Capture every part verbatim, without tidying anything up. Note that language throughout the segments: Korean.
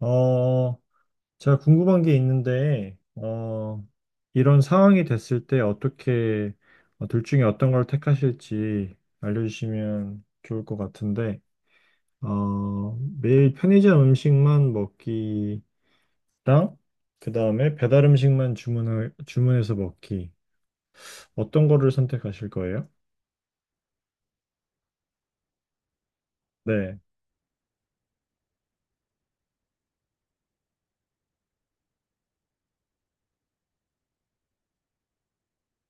어, 제가 궁금한 게 있는데, 어, 이런 상황이 됐을 때 어떻게, 어, 둘 중에 어떤 걸 택하실지 알려주시면 좋을 것 같은데, 어, 매일 편의점 음식만 먹기랑, 그 다음에 배달 음식만 주문을, 주문해서 먹기. 어떤 거를 선택하실 거예요? 네,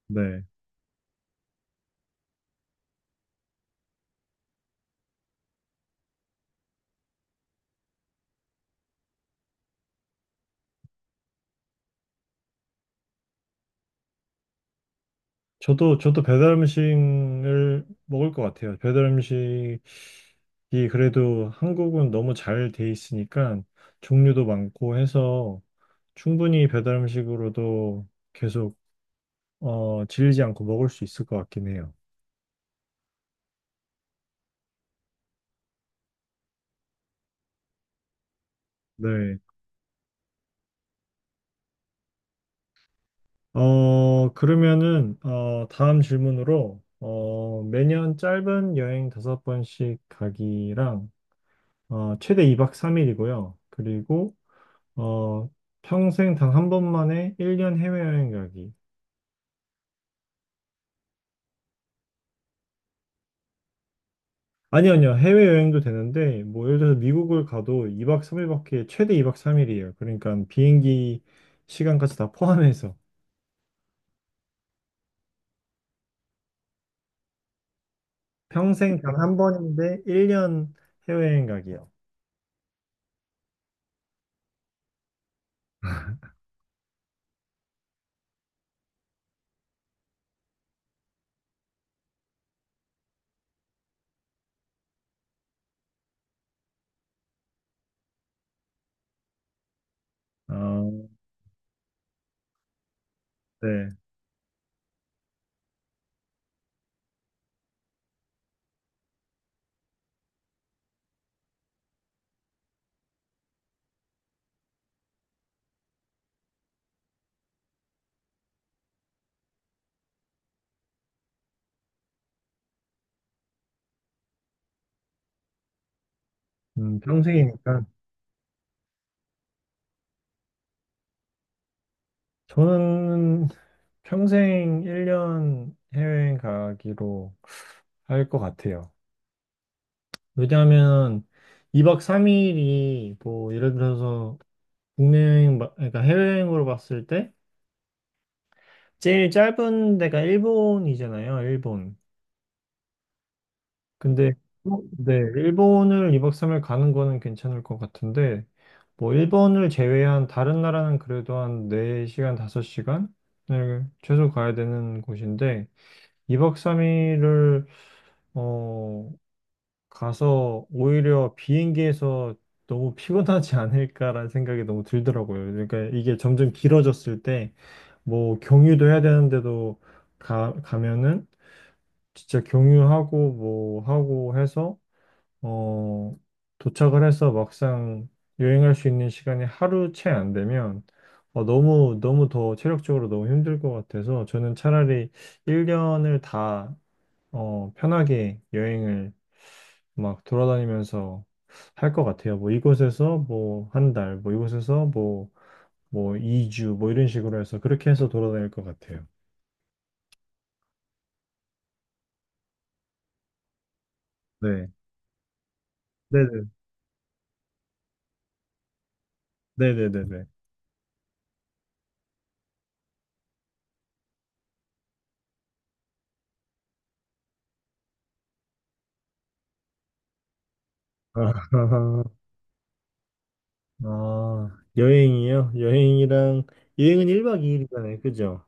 네. 저도 저도 배달 음식을 먹을 것 같아요. 배달 음식이 그래도 한국은 너무 잘 돼 있으니까 종류도 많고 해서 충분히 배달 음식으로도 계속 어, 질리지 않고 먹을 수 있을 것 같긴 해요. 네. 어, 그러면은 어, 다음 질문으로 어, 매년 짧은 여행 다섯 번씩 가기랑 어, 최대 이 박 삼 일이고요. 그리고 어, 평생 단 한 번만에 일 년 해외여행 가기. 아니, 아니요. 해외여행도 되는데, 뭐, 예를 들어서 미국을 가도 이 박 삼 일밖에, 최대 이 박 삼 일이에요. 그러니까 비행기 시간까지 다 포함해서. 평생 단 한 번인데, 일 년 해외여행 가기요. 아, 네. 음, 평생이니까. 저는 평생 일 년 해외여행 가기로 할 것 같아요. 왜냐하면, 이 박 삼 일이 뭐 예를 들어서 국내 여행, 마- 그러니까 해외여행으로 봤을 때 제일 짧은 데가 일본이잖아요, 일본. 근데 어, 네, 일본을 이 박 삼 일 가는 거는 괜찮을 것 같은데 뭐 일본을 제외한 다른 나라는 그래도 한 네 시간, 다섯 시간을 최소 가야 되는 곳인데 이 박 삼 일을 어, 가서 오히려 비행기에서 너무 피곤하지 않을까라는 생각이 너무 들더라고요. 그러니까 이게 점점 길어졌을 때 뭐 경유도 해야 되는데도 가, 가면은 진짜 경유하고 뭐 하고 해서 어 도착을 해서 막상 여행할 수 있는 시간이 하루 채 안 되면 어, 너무 너무 더 체력적으로 너무 힘들 것 같아서 저는 차라리 일 년을 다 어, 편하게 여행을 막 돌아다니면서 할 것 같아요. 뭐 이곳에서 뭐 한 달, 뭐 이곳에서 뭐 뭐 이 주 뭐 이런 식으로 해서 그렇게 해서 돌아다닐 것 같아요. 네. 네네. 네네네네. 아, 아, 여행이요? 여행이랑, 여행은 일 박 이 일이잖아요. 그죠?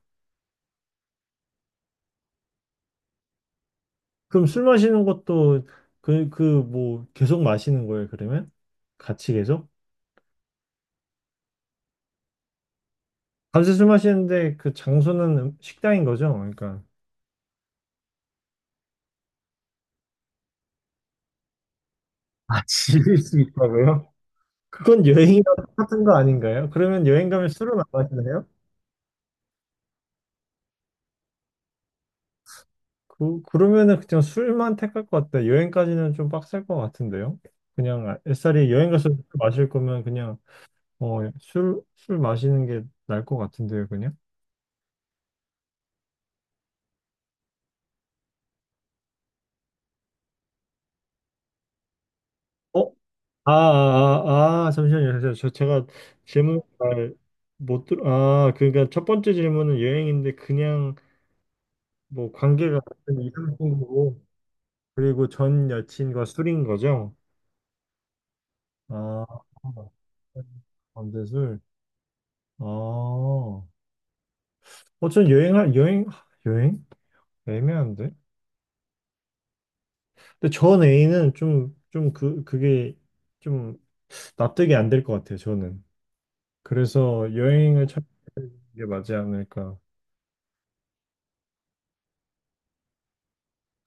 그럼 술 마시는 것도 그, 그, 뭐, 계속 마시는 거예요, 그러면? 같이 계속? 밤새 술 마시는데 그 장소는 음- 식당인 거죠? 그러니까. 아, 즐길 수 있다고요? 그건 여행이랑 똑같은 거 아닌가요? 그러면 여행 가면 술은 안 마시나요? 그, 그러면은 그냥 술만 택할 것 같아요. 여행까지는 좀 빡셀 것 같은데요? 그냥 아- 애살이 여행 가서 술 마실 거면 그냥 어, 술, 술 마시는 게 나을 것 같은데요, 그냥? 어? 아, 아, 아, 아, 잠시만요. 잠시만요. 저, 제가 질문 잘못 들, 아, 그러니까 첫 번째 질문은 여행인데 그냥 뭐 관계가 어 이상 친구고 그리고 전 여친과 술인 거죠? 아, 안돼술 아, 어, 전 여행할, 여행, 여행? 애매한데? 근데 전 애인은 좀, 좀 그, 그게 좀 납득이 안 될 것 같아요, 저는. 그래서 여행을 찾는 게 맞지 않을까.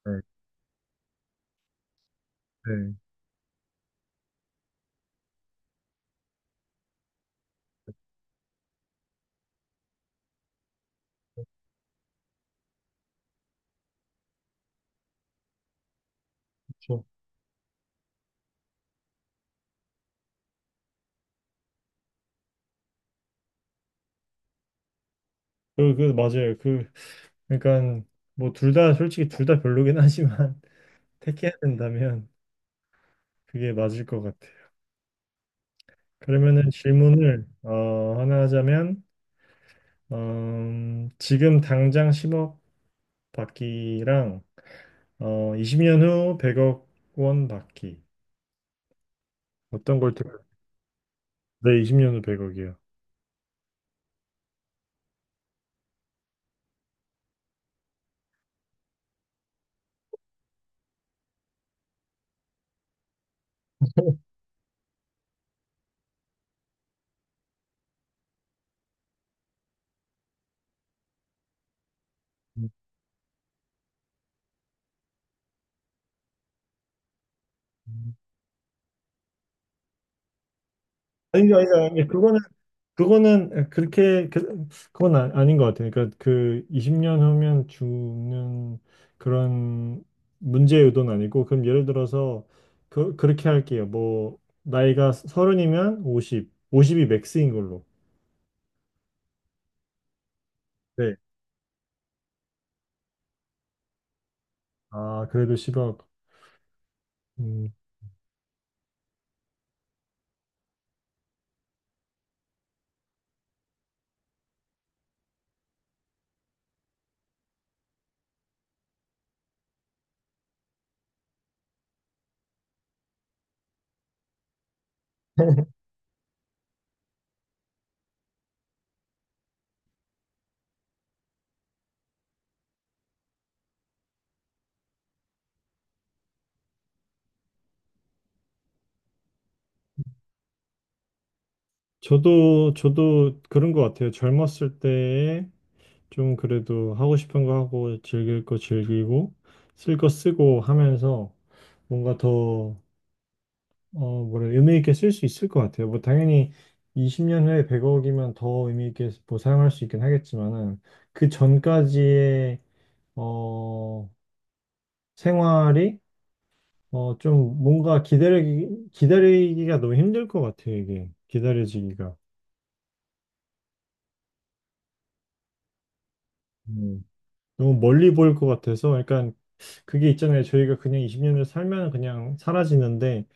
네, 네. 그렇죠. 그, 그, 맞아요. 그, 그러니까, 뭐, 둘 다, 솔직히 둘 다 별로긴 하지만, 택해야 된다면, 그게 맞을 것 같아요. 그러면은 질문을, 어, 하나 하자면, 음, 지금 당장 십억 받기랑, 어, 이십 년 후 백억 원 받기. 어떤 걸 택할? 네, 이십 년 후 백억이요. 아니, 아니, 아니, 그거는 그거는 예, 그렇게 그- 그건 아, 아닌 것 같아요. 그러니까 그 이십 년 후면 죽는 그런 문제 요도는 아니고 그럼 예를 들어서 그, 그렇게 할게요. 뭐 나이가 서른이면 오십, 오십이 맥스인 걸로. 네. 아 그래도 십억. 음, 저도 저도 그런 것 같아요. 젊었을 때 좀 그래도 하고 싶은 거 하고 즐길 거 즐기고 쓸 거 쓰고 하면서 뭔가 더 어, 뭐래, 의미 있게 쓸 수 있을 것 같아요. 뭐, 당연히 이십 년 후에 백억이면 더 의미 있게 뭐 사용할 수 있긴 하겠지만은, 그 전까지의, 어, 생활이, 어, 좀 뭔가 기다리기, 기다리기가 너무 힘들 것 같아요, 이게. 기다려지기가. 음, 너무 멀리 보일 것 같아서, 약간, 그게 있잖아요. 저희가 그냥 이십 년을 살면 그냥 사라지는데,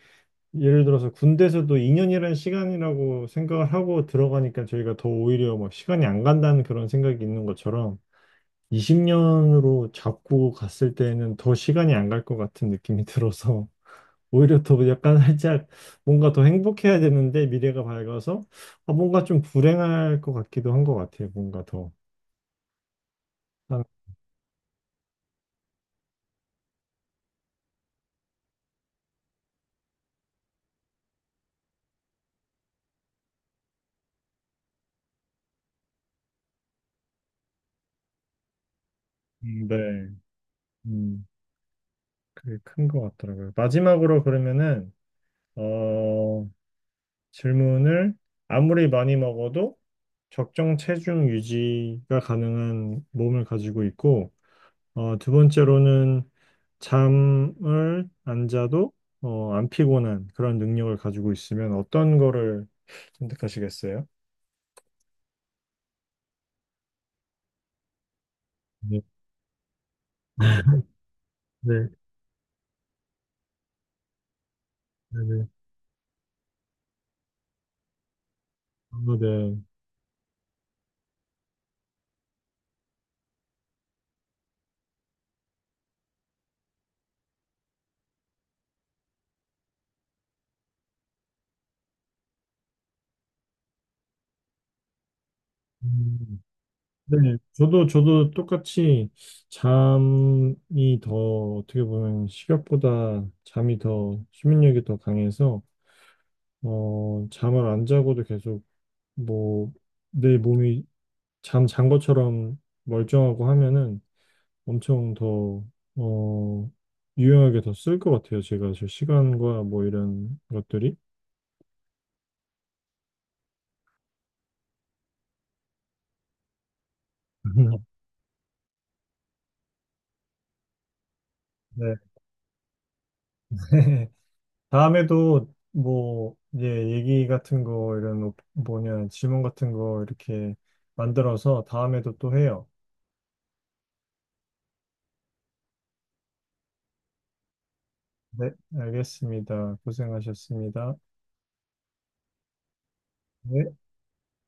예를 들어서 군대에서도 이 년이라는 시간이라고 생각을 하고 들어가니까 저희가 더 오히려 막 시간이 안 간다는 그런 생각이 있는 것처럼 이십 년으로 잡고 갔을 때는 더 시간이 안 갈 것 같은 느낌이 들어서 오히려 더 약간 살짝 뭔가 더 행복해야 되는데 미래가 밝아서 아, 뭔가 좀 불행할 것 같기도 한 것 같아요. 뭔가 더. 아, 음, 네. 음, 그게 큰 것 같더라고요. 마지막으로 그러면은 어, 질문을 아무리 많이 먹어도 적정 체중 유지가 가능한 몸을 가지고 있고, 어, 두 번째로는 잠을 안 자도 어, 안 피곤한 그런 능력을 가지고 있으면 어떤 거를 선택하시겠어요? 네, 네, 네, 네. 아, 네. 음, 네, 저도, 저도 똑같이 잠이 더 어떻게 보면 식욕보다 잠이 더, 수면력이 더 강해서 어, 잠을 안 자고도 계속 뭐 내 몸이 잠 잔 것처럼 멀쩡하고 하면은 엄청 더 어, 유용하게 더 쓸 것 같아요. 제가 저 시간과 뭐 이런 것들이. 네. 다음에도 뭐, 예, 얘기 같은 거, 이런 오- 뭐냐, 질문 같은 거 이렇게 만들어서 다음에도 또 해요. 네, 알겠습니다. 고생하셨습니다. 네.